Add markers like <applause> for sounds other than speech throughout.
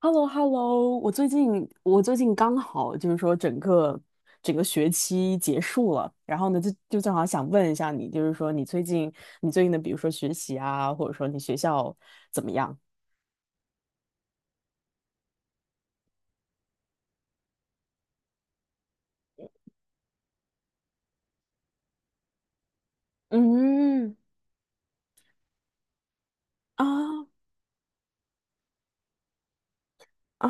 h e l l o h e l l o 我最近刚好就是说整个学期结束了，然后呢就正好想问一下你，就是说你最近的比如说学习啊，或者说你学校怎么样？嗯，啊啊，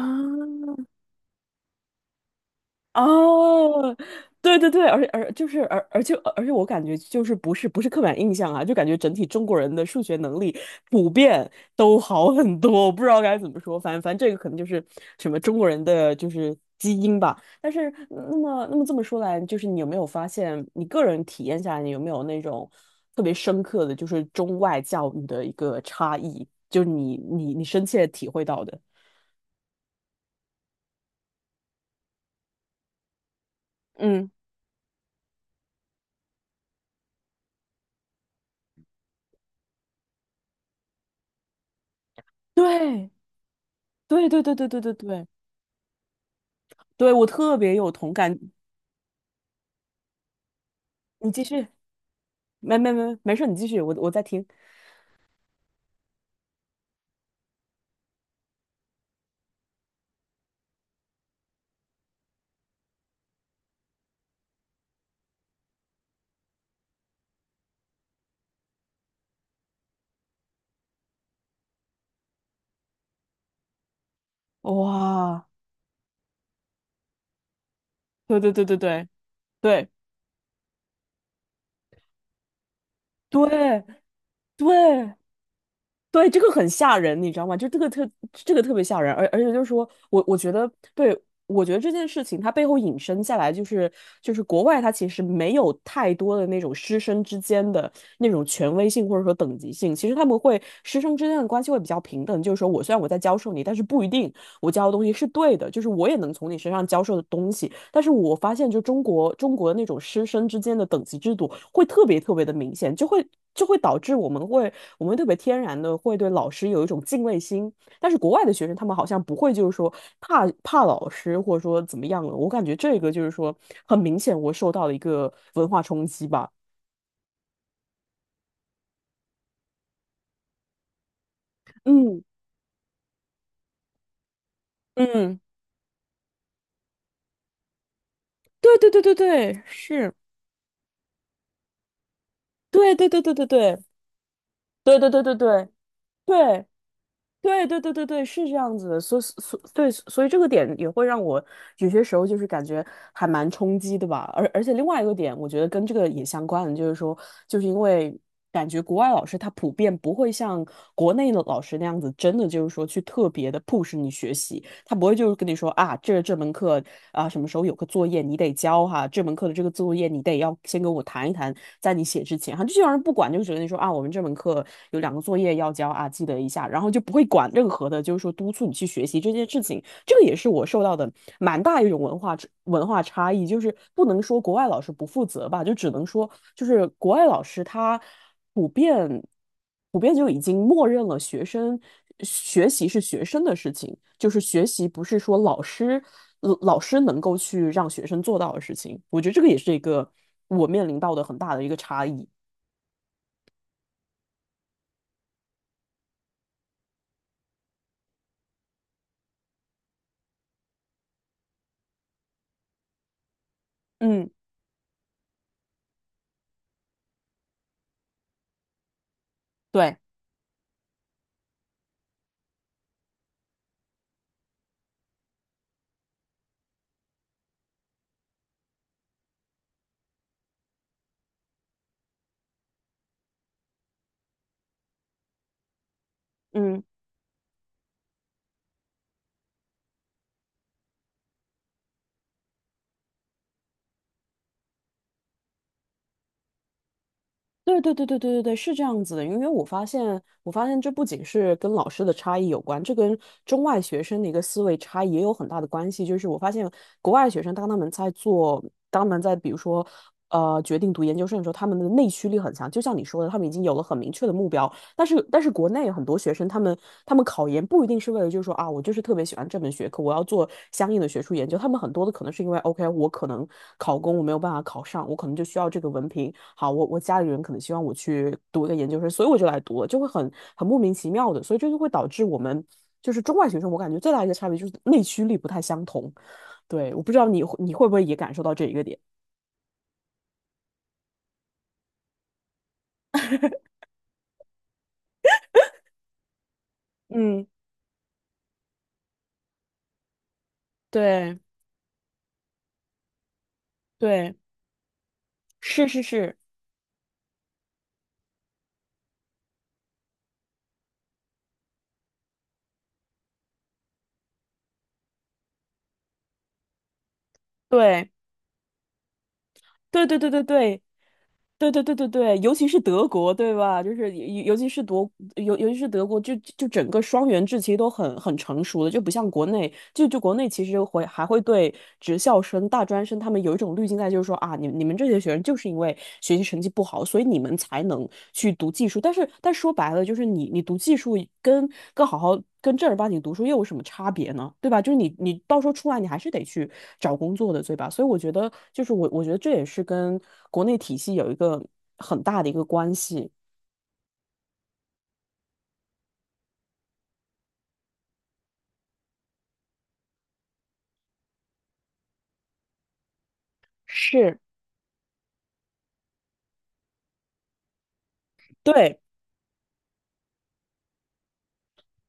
哦，对对对，而且我感觉就是不是刻板印象啊，就感觉整体中国人的数学能力普遍都好很多，我不知道该怎么说，反正这个可能就是什么中国人的就是基因吧。但是那么这么说来，就是你有没有发现你个人体验下来，你有没有那种特别深刻的就是中外教育的一个差异，就是你深切体会到的？嗯，对对对对对对对对，对，我特别有同感。你继续，没事，你继续，我在听。哇，对对对对对对对对对，这个很吓人，你知道吗？就这个特别吓人，而且就是说我觉得，对，我觉得这件事情它背后引申下来就是国外它其实没有太多的那种师生之间的那种权威性或者说等级性，其实他们会师生之间的关系会比较平等，就是说我虽然我在教授你，但是不一定。我教的东西是对的，就是我也能从你身上教授的东西。但是我发现，就中国那种师生之间的等级制度会特别特别的明显，就会导致我们特别天然的会对老师有一种敬畏心。但是国外的学生他们好像不会，就是说怕老师或者说怎么样了。我感觉这个就是说很明显，我受到了一个文化冲击吧。嗯嗯，对对对对对，是，对对对对对对对对对对对对。对对对对对，是这样子的，所以这个点也会让我有些时候就是感觉还蛮冲击的吧。而且另外一个点，我觉得跟这个也相关的，就是说，就是因为感觉国外老师他普遍不会像国内的老师那样子，真的就是说去特别的 push 你学习，他不会就是跟你说啊，这门课啊什么时候有个作业你得交哈，这门课的这个作业你得要先跟我谈一谈，在你写之前，哈，就基人不管，就只跟你说啊，我们这门课有2个作业要交啊，记得一下，然后就不会管任何的，就是说督促你去学习这件事情。这个也是我受到的蛮大一种文化差异，就是不能说国外老师不负责吧，就只能说就是国外老师他普遍。普遍就已经默认了学生学习是学生的事情，就是学习不是说老师能够去让学生做到的事情。我觉得这个也是一个我面临到的很大的一个差异。嗯，对。嗯。对对对对对对对，是这样子的，因为我发现这不仅是跟老师的差异有关，这跟中外学生的一个思维差异也有很大的关系。就是我发现国外学生，当他们在比如说，决定读研究生的时候，他们的内驱力很强，就像你说的，他们已经有了很明确的目标，但是国内有很多学生，他们考研不一定是为了就是说啊，我就是特别喜欢这门学科，我要做相应的学术研究。他们很多的可能是因为 OK，我可能考公我没有办法考上，我可能就需要这个文凭。好，我家里人可能希望我去读一个研究生，所以我就来读了，就会很莫名其妙的，所以这就会导致我们就是中外学生，我感觉最大的一个差别就是内驱力不太相同。对，我不知道你会不会也感受到这一个点。嗯，对对，是是是，对对对对对对，对对对对对，尤其是德国，对吧？就是尤其是德国，就整个双元制其实都很成熟的，就不像国内，就国内其实会还会对职校生、大专生他们有一种滤镜在，就是说啊，你们这些学生就是因为学习成绩不好，所以你们才能去读技术。但说白了，就是你读技术跟跟好好。跟正儿八经读书又有什么差别呢？对吧？就是你到时候出来，你还是得去找工作的，对吧？所以我觉得，就是我觉得这也是跟国内体系有一个很大的一个关系。是，对，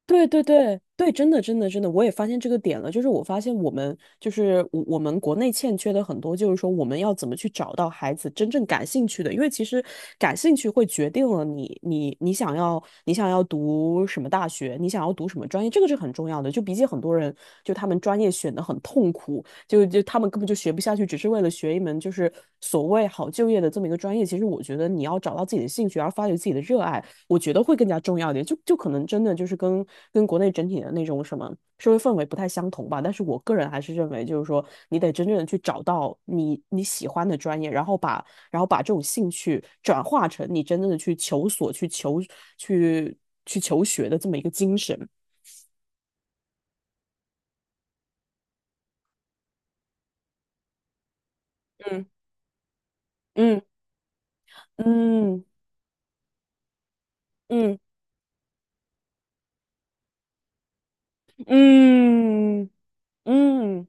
对对对对，真的真的真的，我也发现这个点了。就是我发现我们就是我们国内欠缺的很多，就是说我们要怎么去找到孩子真正感兴趣的，因为其实感兴趣会决定了你想要读什么大学，你想要读什么专业，这个是很重要的。就比起很多人，就他们专业选的很痛苦，就他们根本就学不下去，只是为了学一门就是所谓好就业的这么一个专业。其实我觉得你要找到自己的兴趣，而发掘自己的热爱。我觉得会更加重要一点，就可能真的就是跟国内整体的那种什么社会氛围不太相同吧。但是我个人还是认为，就是说你得真正的去找到你喜欢的专业，然后把这种兴趣转化成你真正的去求索、去去求学的这么一个精神。嗯嗯嗯嗯嗯嗯，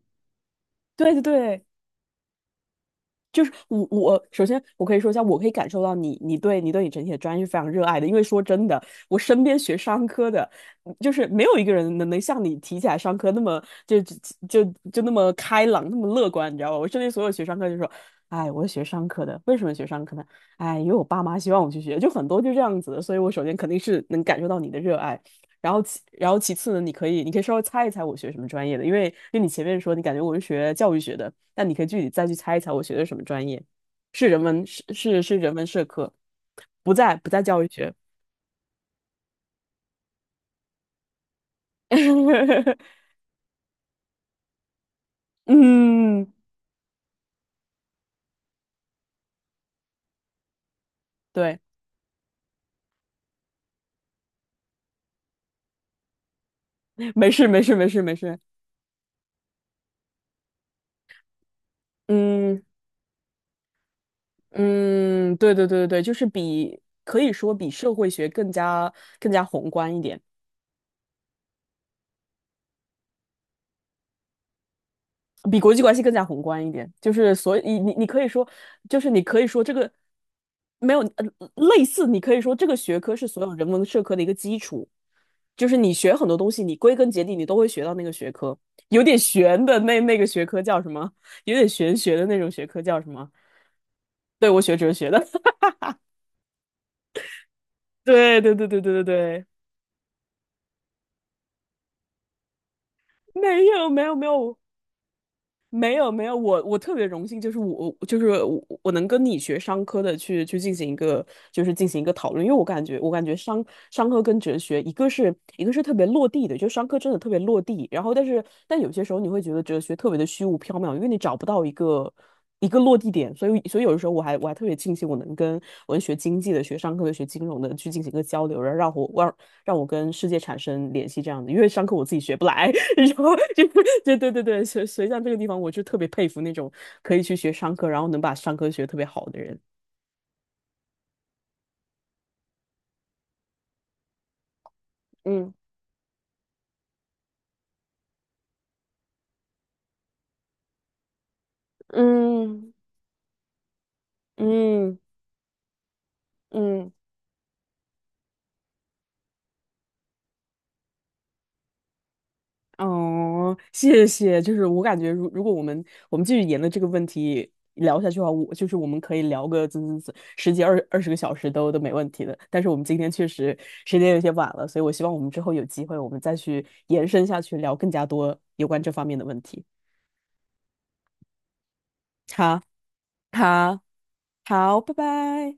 对对对。就是我首先我可以说一下，我可以感受到你整体的专业是非常热爱的，因为说真的，我身边学商科的，就是没有一个人能像你提起来商科那么就那么开朗，那么乐观，你知道吧？我身边所有学商科就说，哎，我是学商科的，为什么学商科呢？哎，因为我爸妈希望我去学，就很多就这样子的，所以我首先肯定是能感受到你的热爱。然后其次呢，你可以稍微猜一猜我学什么专业的，因为你前面说你感觉我是学教育学的，但你可以具体再去猜一猜我学的什么专业，是人文是是是人文社科，不在教育学，<laughs> 嗯，对，没事没事没事没事，嗯嗯，对对对对对，就是比可以说比社会学更加宏观一点。比国际关系更加宏观一点，就是所以你可以说，就是你可以说这个没有类似，你可以说这个学科是所有人文社科的一个基础，就是你学很多东西，你归根结底你都会学到那个学科。有点玄的那个学科叫什么？有点玄学的那种学科叫什么？对，我学哲学的。<laughs> 对对对对对对对，没有没有没有，没有没有，我特别荣幸，就是我能跟你学商科的去进行一个讨论，因为我感觉商科跟哲学一个是特别落地的，就商科真的特别落地，然后但有些时候你会觉得哲学特别的虚无缥缈，因为你找不到一个落地点，所以有的时候我还特别庆幸我能跟文学经济的、学商科的、学金融的去进行一个交流，然后让我跟世界产生联系这样子，因为商科我自己学不来。<laughs> 然后就 <laughs> 对对对，所以像这个地方，我就特别佩服那种可以去学商科，然后能把商科学得特别好的人。嗯嗯嗯嗯，哦，谢谢。就是我感觉如果我们继续沿着这个问题聊下去的话，我就是我们可以聊个怎怎怎十几二十个小时都没问题的。但是我们今天确实时间有些晚了，所以我希望我们之后有机会，我们再去延伸下去聊更加多有关这方面的问题。好，好，好，拜拜。